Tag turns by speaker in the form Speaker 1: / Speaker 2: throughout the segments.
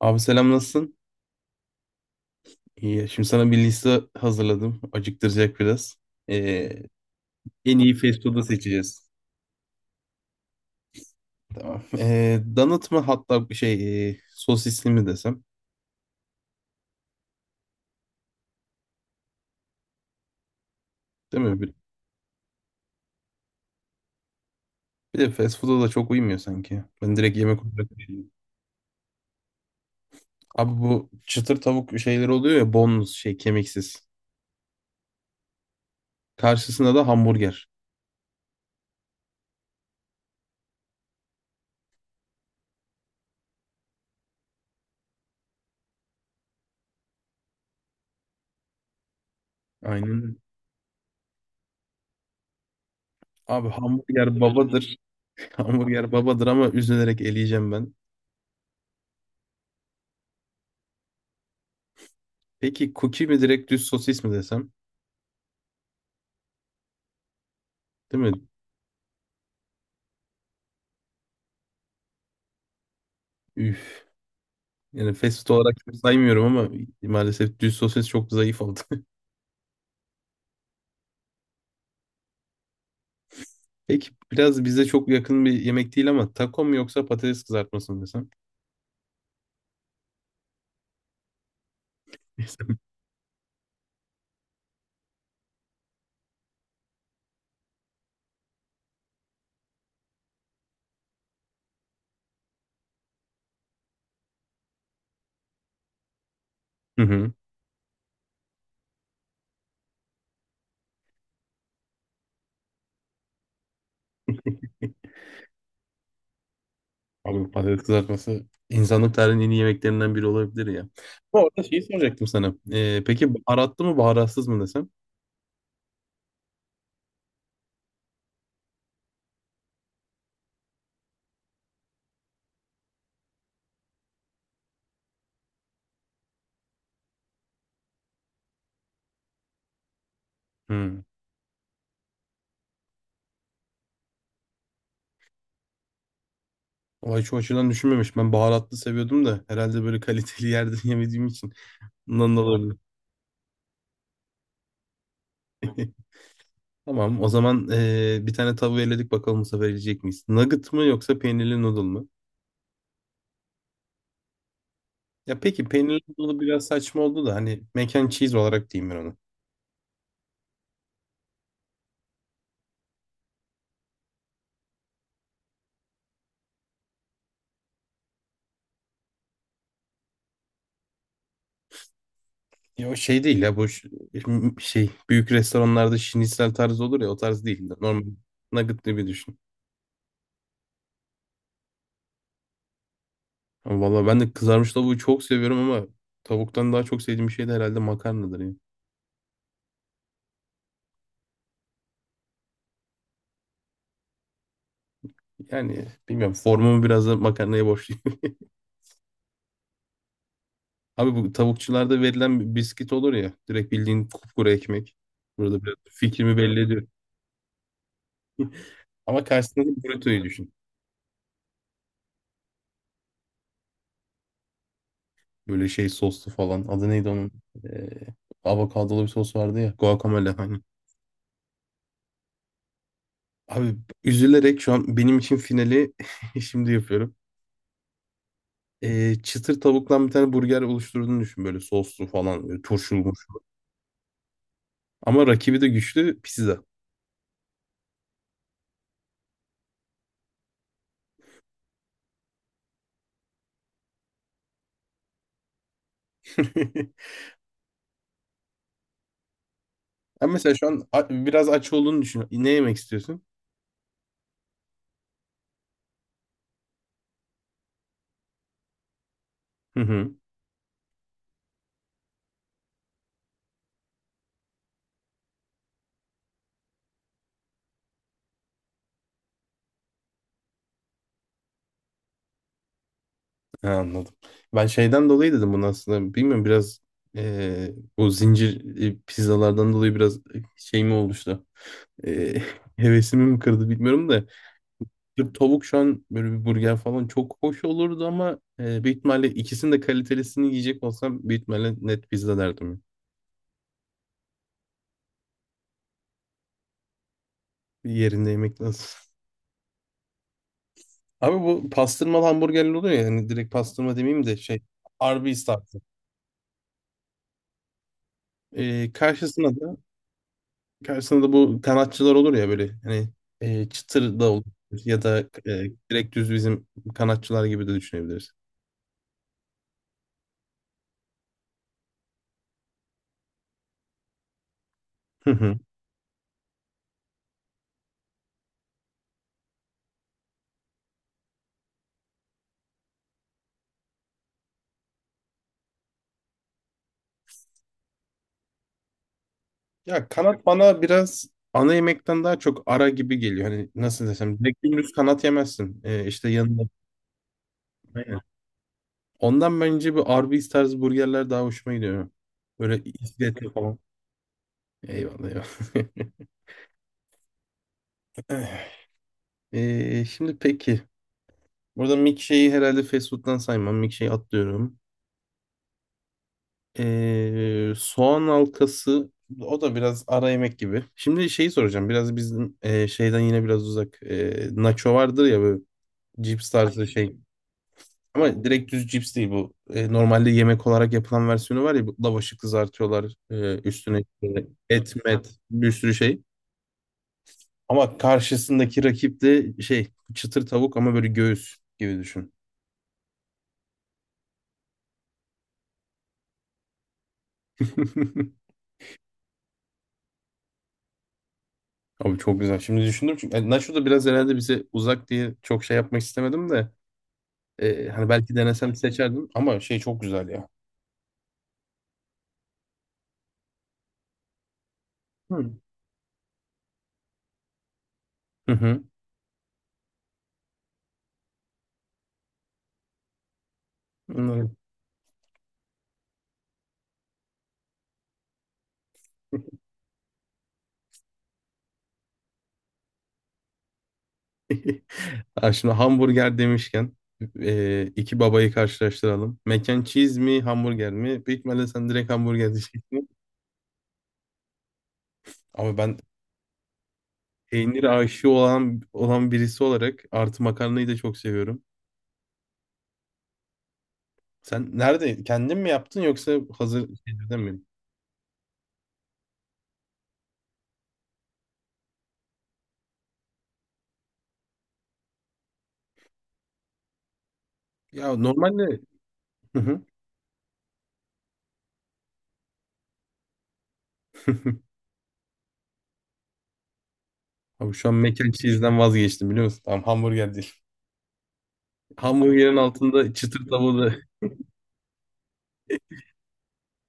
Speaker 1: Abi selam, nasılsın? İyi. Şimdi sana bir liste hazırladım. Acıktıracak biraz. Ee, En iyi fast food'u seçeceğiz. Tamam. Donut mu, hatta bir şey, sosisli mi desem? Değil mi? Bir de fast food'a da çok uymuyor sanki. Ben direkt yemek olarak düşünüyorum. Abi bu çıtır tavuk şeyleri oluyor ya, boneless, şey, kemiksiz. Karşısında da hamburger. Aynen. Abi hamburger babadır. Hamburger babadır ama üzülerek eleyeceğim ben. Peki cookie mi, direkt düz sosis mi desem? Değil mi? Üf. Yani fast food olarak çok saymıyorum ama maalesef düz sosis çok zayıf oldu. Peki, biraz bize çok yakın bir yemek değil ama, taco mu yoksa patates kızartması mı desem? Hı hı. Abi patates kızartması insanlık tarihinin en iyi yemeklerinden biri olabilir ya. Ama orada şeyi soracaktım sana. Peki, baharatlı mı baharatsız mı desem? Hı. Vay, şu açıdan düşünmemiş. Ben baharatlı seviyordum da herhalde böyle kaliteli yerde yemediğim için. Bundan da olabilir. Tamam o zaman, bir tane tavuğu eledik, bakalım bu sefer yiyecek miyiz? Nugget mı yoksa peynirli noodle mu? Ya peki, peynirli noodle'ı biraz saçma oldu da, hani mac and cheese olarak diyeyim ben onu. Ya o şey değil ya, bu şey, büyük restoranlarda şinisel tarzı olur ya, o tarz değil. Normal nugget gibi düşün. Ama valla ben de kızarmış tavuğu çok seviyorum ama tavuktan daha çok sevdiğim şey de herhalde makarnadır ya. Yani bilmiyorum, formumu biraz da makarnaya borçluyum. Abi bu tavukçularda verilen bir biskit olur ya, direkt bildiğin kupkuru ekmek. Burada biraz fikrimi belli ediyor. Ama karşısında da burrito'yu düşün. Böyle şey, soslu falan. Adı neydi onun? Ee, Avokadolu bir sos vardı ya. Guacamole, hani. Abi üzülerek şu an benim için finali şimdi yapıyorum. Çıtır tavuktan bir tane burger oluşturduğunu düşün, böyle soslu falan, böyle turşulu murşulu. Ama rakibi de güçlü: pizza. Ben mesela şu an biraz aç olduğunu düşün. Ne yemek istiyorsun? Hı hı. Ha, anladım. Ben şeyden dolayı dedim bunu aslında. Bilmiyorum, biraz o zincir pizzalardan dolayı biraz, şey mi oluştu? e, Hevesimi mi kırdı bilmiyorum da, bir tavuk şu an böyle bir burger falan çok hoş olurdu ama, büyük ihtimalle ikisinin de kalitelisini yiyecek olsam büyük ihtimalle net pizza derdim. Bir yerinde yemek lazım. Abi bu pastırmalı hamburgerler oluyor ya, hani direkt pastırma demeyeyim de, şey, Arby's tarzı. E, karşısına da karşısına da bu kanatçılar olur ya böyle, hani, çıtır da olur ya da, direkt düz bizim kanatçılar gibi de düşünebiliriz. Ya kanat bana biraz ana yemekten daha çok ara gibi geliyor. Hani nasıl desem, direkt dümdüz kanat yemezsin. İşte yanında. Aynen. Ondan bence bir Arby's tarzı burgerler daha hoşuma gidiyor. Böyle izletli falan. Eyvallah, eyvallah. Şimdi peki. Burada milkshake'i herhalde fast food'dan saymam. Milkshake'i atlıyorum. Soğan halkası, o da biraz ara yemek gibi. Şimdi şeyi soracağım. Biraz bizim, şeyden yine biraz uzak. Nacho vardır ya, böyle cips tarzı şey. Ama direkt düz cips değil bu. E, normalde yemek olarak yapılan versiyonu var ya. Bu lavaşı kızartıyorlar. Üstüne işte et, met, bir sürü şey. Ama karşısındaki rakip de şey, çıtır tavuk ama böyle göğüs gibi düşün. Abi çok güzel. Şimdi düşündüm çünkü, yani nacho da biraz herhalde bize uzak diye çok şey yapmak istemedim de, hani belki denesem seçerdim ama şey çok güzel ya. Hı hı. Hı. Anladım. Ha, şimdi hamburger demişken iki babayı karşılaştıralım. Mac and cheese mi, hamburger mi? Büyük ihtimalle sen direkt hamburger diyeceksin. Ama ben peynir aşığı olan birisi olarak, artı makarnayı da çok seviyorum. Sen nerede? Kendin mi yaptın yoksa hazır şeylerden mi? Ya normalde. Hı hı. Abi şu an mac and cheese'den vazgeçtim, biliyor musun? Tamam, hamburger değil. Hamburgerin altında çıtır tavuğu da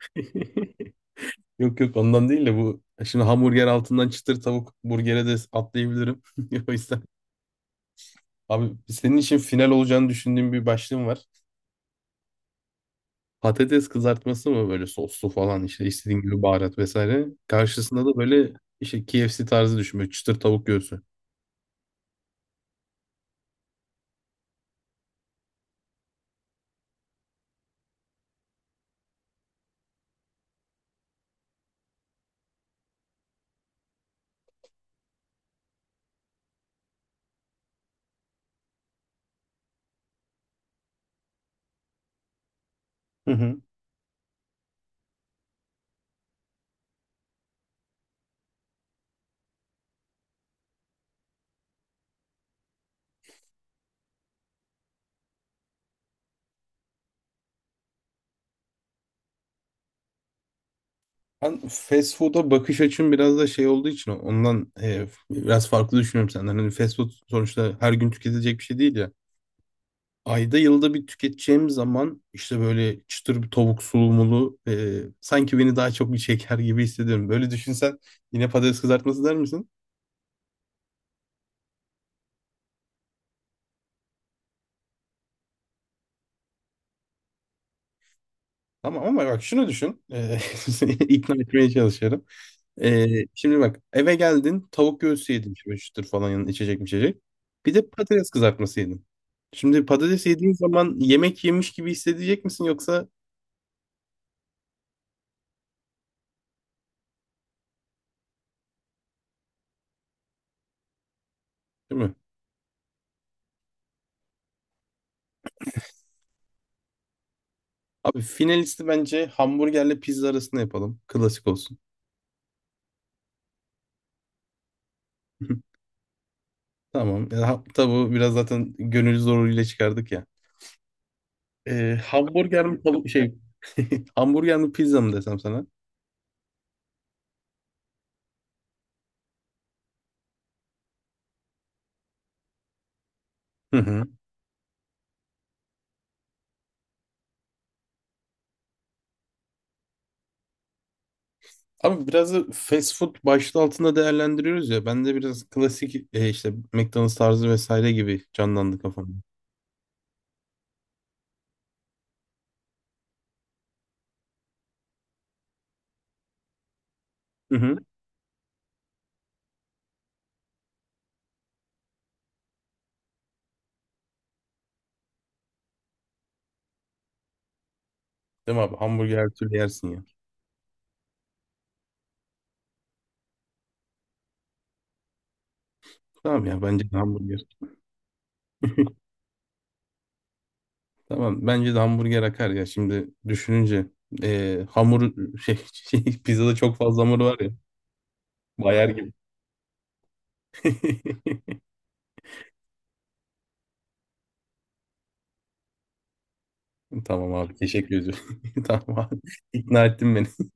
Speaker 1: yok yok, ondan değil de, bu şimdi hamburger altından çıtır tavuk burgere de atlayabilirim. O yüzden, abi senin için final olacağını düşündüğüm bir başlığım var. Patates kızartması mı, böyle soslu falan, işte istediğin gibi baharat vesaire. Karşısında da böyle işte KFC tarzı düşün, böyle çıtır tavuk göğsü. Hı hı. Ben fast food'a bakış açım biraz da şey olduğu için ondan, biraz farklı düşünüyorum senden. Hani fast food sonuçta her gün tüketilecek bir şey değil ya. Ayda yılda bir tüketeceğim zaman, işte böyle çıtır bir tavuk sulumulu, sanki beni daha çok bir çeker gibi hissediyorum. Böyle düşünsen yine patates kızartması der misin? Tamam ama bak şunu düşün. İkna etmeye çalışıyorum. E, Şimdi bak, eve geldin, tavuk göğsü yedin şöyle çıtır falan, yanında içecek mi içecek. Bir de patates kızartması yedin. Şimdi patates yediğin zaman yemek yemiş gibi hissedecek misin yoksa, değil mi? Abi finalisti bence hamburgerle pizza arasında yapalım. Klasik olsun. Tamam. Tavuğu biraz zaten gönül zoruyla çıkardık ya. Hamburger mi, tavuk, şey, hamburger mi pizza mı desem sana? Hı hı. Abi biraz da fast food başlığı altında değerlendiriyoruz ya. Ben de biraz klasik, işte McDonald's tarzı vesaire gibi canlandı kafamda. Hı hı. Değil mi abi? Hamburger her türlü yersin ya. Tamam ya, bence de hamburger. Tamam, bence de hamburger akar ya şimdi düşününce. E, hamur, şey, pizzada çok fazla hamur var ya. Bayar gibi. Tamam abi, teşekkür ediyorum. Tamam abi. İkna ettin beni.